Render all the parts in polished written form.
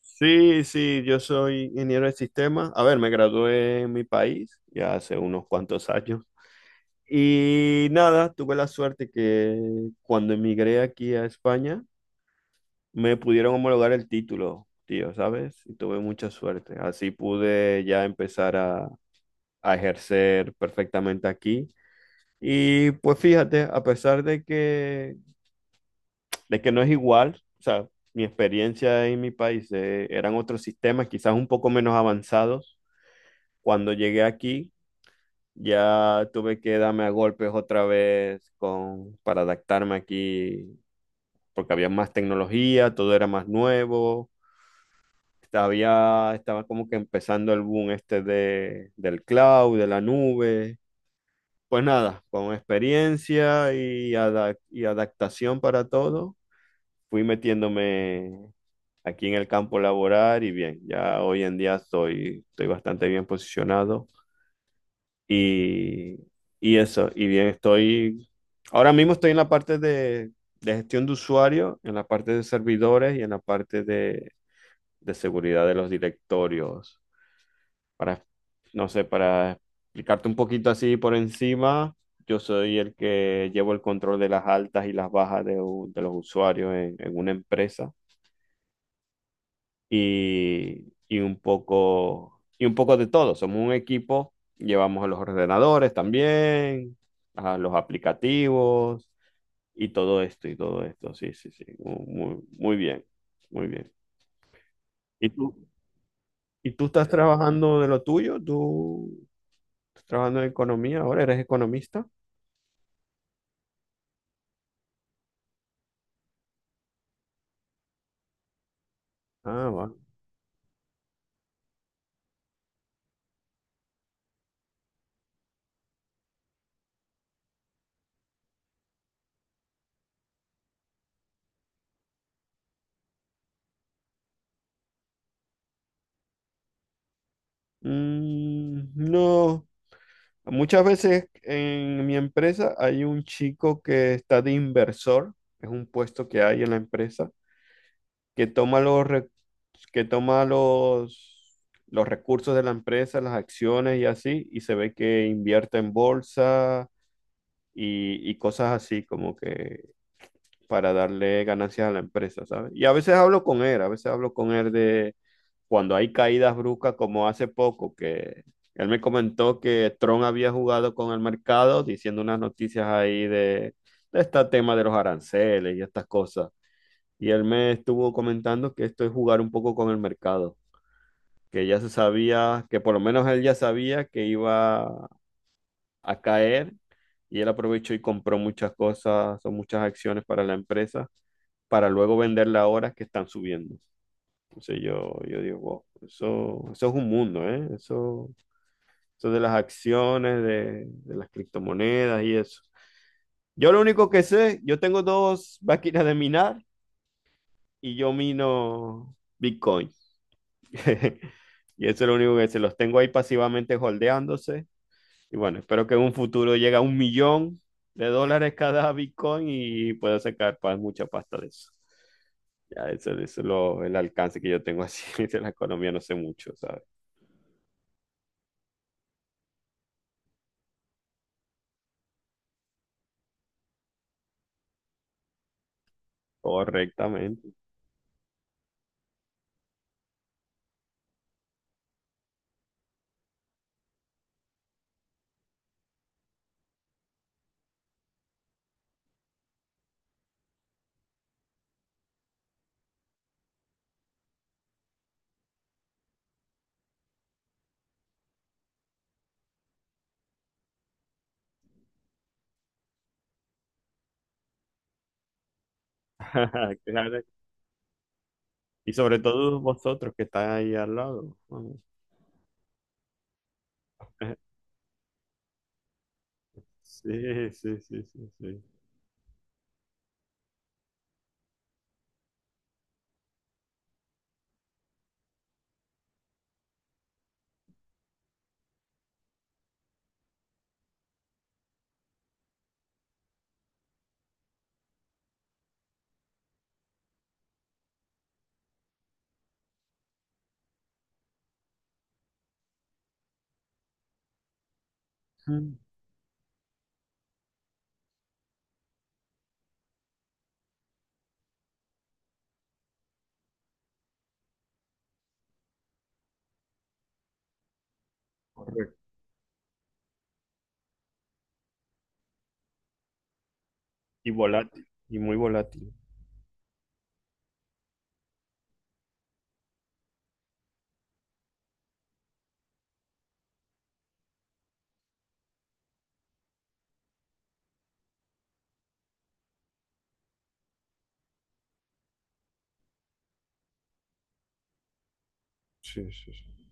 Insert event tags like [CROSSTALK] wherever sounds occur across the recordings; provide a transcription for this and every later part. Sí, sí, yo soy ingeniero de sistemas. A ver, me gradué en mi país ya hace unos cuantos años. Y nada, tuve la suerte que cuando emigré aquí a España me pudieron homologar el título, tío, ¿sabes? Y tuve mucha suerte. Así pude ya empezar a ejercer perfectamente aquí. Y pues fíjate, a pesar de que no es igual, o sea, mi experiencia en mi país eran otros sistemas, quizás un poco menos avanzados. Cuando llegué aquí, ya tuve que darme a golpes otra vez con, para adaptarme aquí, porque había más tecnología, todo era más nuevo. Estaba como que empezando el boom este del cloud, de la nube. Pues nada, con experiencia y, y adaptación para todo, fui metiéndome aquí en el campo laboral y bien, ya hoy en día estoy bastante bien posicionado. Y, y eso, y bien, ahora mismo estoy en la parte de gestión de usuario, en la parte de servidores y en la parte de seguridad de los directorios. Para, no sé, para explicarte un poquito así por encima, yo soy el que llevo el control de las altas y las bajas de los usuarios en una empresa. Y un poco, y un poco de todo. Somos un equipo, llevamos a los ordenadores también, a los aplicativos y todo esto y todo esto. Sí, sí, sí. Muy, muy bien, muy bien. ¿Y tú, y tú estás trabajando de lo tuyo? ¿Tú estás trabajando en economía ahora? ¿Eres economista? Ah, va. Mm, no, muchas veces en mi empresa hay un chico que está de inversor, es un puesto que hay en la empresa que toma los recursos de la empresa, las acciones y así, y se ve que invierte en bolsa y cosas así como que para darle ganancias a la empresa, ¿sabes? Y a veces hablo con él de cuando hay caídas bruscas como hace poco, que él me comentó que Tron había jugado con el mercado diciendo unas noticias ahí de este tema de los aranceles y estas cosas y él me estuvo comentando que esto es jugar un poco con el mercado, que ya se sabía, que por lo menos él ya sabía que iba a caer y él aprovechó y compró muchas cosas o muchas acciones para la empresa para luego venderla ahora que están subiendo. Entonces yo digo, wow, eso es un mundo, ¿eh? Eso de las acciones, de las criptomonedas y eso. Yo lo único que sé, yo tengo dos máquinas de minar y yo mino Bitcoin. [LAUGHS] Y eso es lo único que se los tengo ahí pasivamente holdeándose. Y bueno, espero que en un futuro llegue a 1 millón de dólares cada [LAUGHS] Bitcoin y pueda sacar mucha pasta de eso. Ya, el alcance que yo tengo así [LAUGHS] de la economía, no sé mucho, ¿sabes? Correctamente. [LAUGHS] Claro. Y sobre todo vosotros que están ahí al lado. Vamos. [LAUGHS] Sí, sí, sí, sí, sí. Mm. Correcto. Y volátil, y muy volátil. Sí, sí, sí.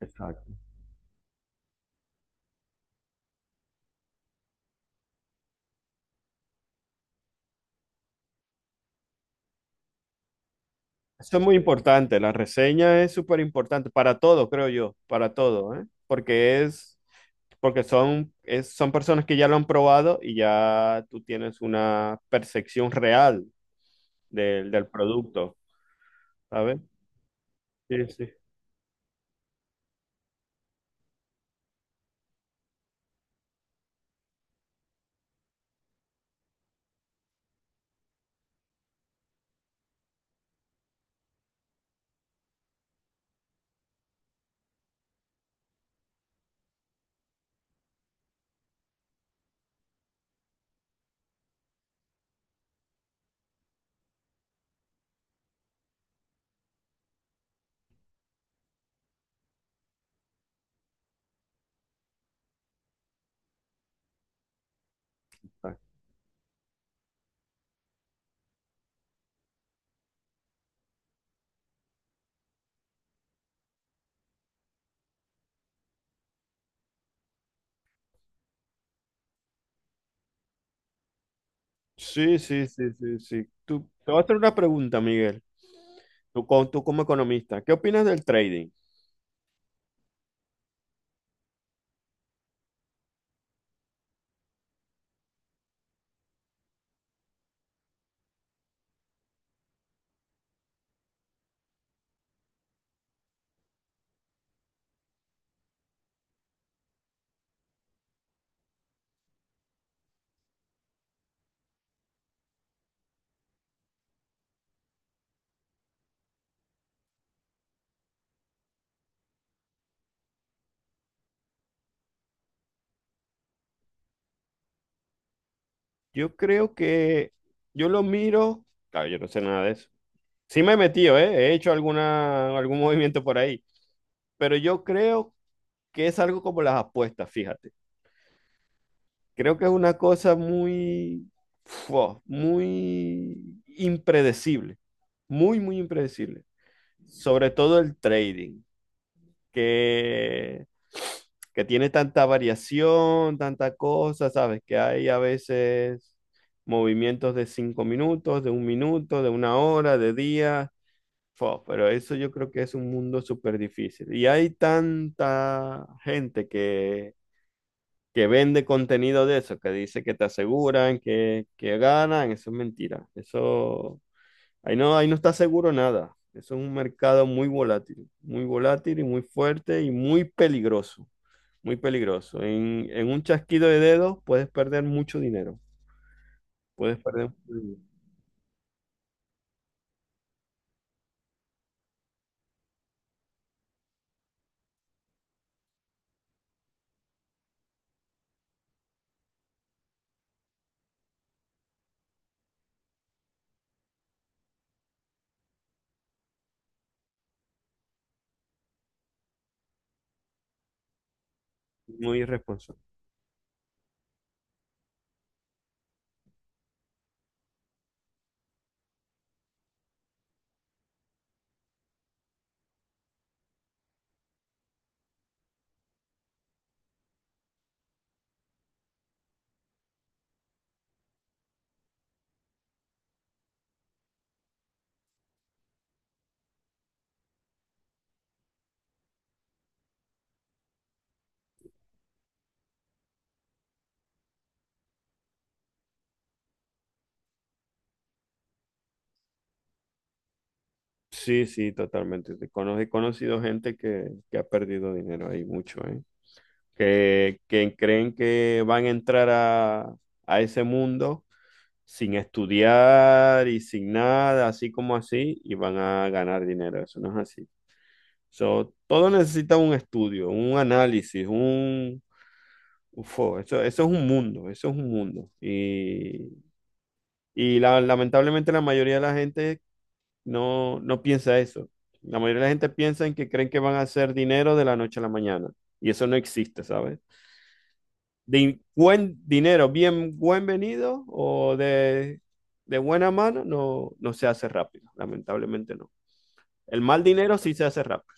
Exacto. Eso es muy importante, la reseña es súper importante para todo, creo yo, para todo, ¿eh? Porque son, son personas que ya lo han probado y ya tú tienes una percepción real del producto, ¿sabes? Sí, sí. Sí, sí, sí, sí, sí. Tú, te voy a hacer una pregunta, Miguel. Tú, tú como economista, ¿qué opinas del trading? Yo creo que yo lo miro, claro, yo no sé nada de eso. Sí me he metido, ¿eh? He hecho alguna, algún movimiento por ahí, pero yo creo que es algo como las apuestas, fíjate. Creo que es una cosa muy, fua, muy impredecible, muy, muy impredecible. Sobre todo el trading, que, que tiene tanta variación, tanta cosa, ¿sabes? Que hay a veces movimientos de 5 minutos, de 1 minuto, de 1 hora, de día. Fua, pero eso yo creo que es un mundo súper difícil. Y hay tanta gente que vende contenido de eso, que dice que te aseguran, que ganan, eso es mentira. Eso, ahí no está seguro nada. Eso es un mercado muy volátil y muy fuerte y muy peligroso, muy peligroso. En un chasquido de dedos puedes perder mucho dinero, puedes perder mucho dinero. Muy irresponsable. Sí, sí, totalmente. He conocido gente que ha perdido dinero ahí mucho, ¿eh? Que creen que van a entrar a ese mundo sin estudiar y sin nada, así como así, y van a ganar dinero. Eso no es así. So, todo necesita un estudio, un análisis, un... Ufo, eso es un mundo, eso es un mundo. Lamentablemente la mayoría de la gente no, no piensa eso. La mayoría de la gente piensa en que creen que van a hacer dinero de la noche a la mañana. Y eso no existe, ¿sabes? De buen dinero, bien buen venido o de buena mano, no, no se hace rápido, lamentablemente no. El mal dinero sí se hace rápido.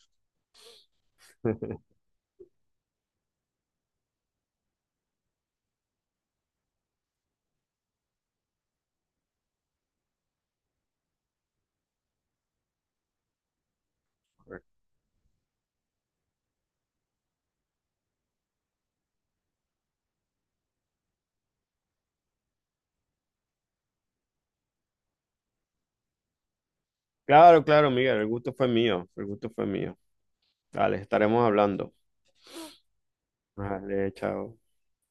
Claro, claro, Miguel, el gusto fue mío, el gusto fue mío. Dale, estaremos hablando. Vale, chao.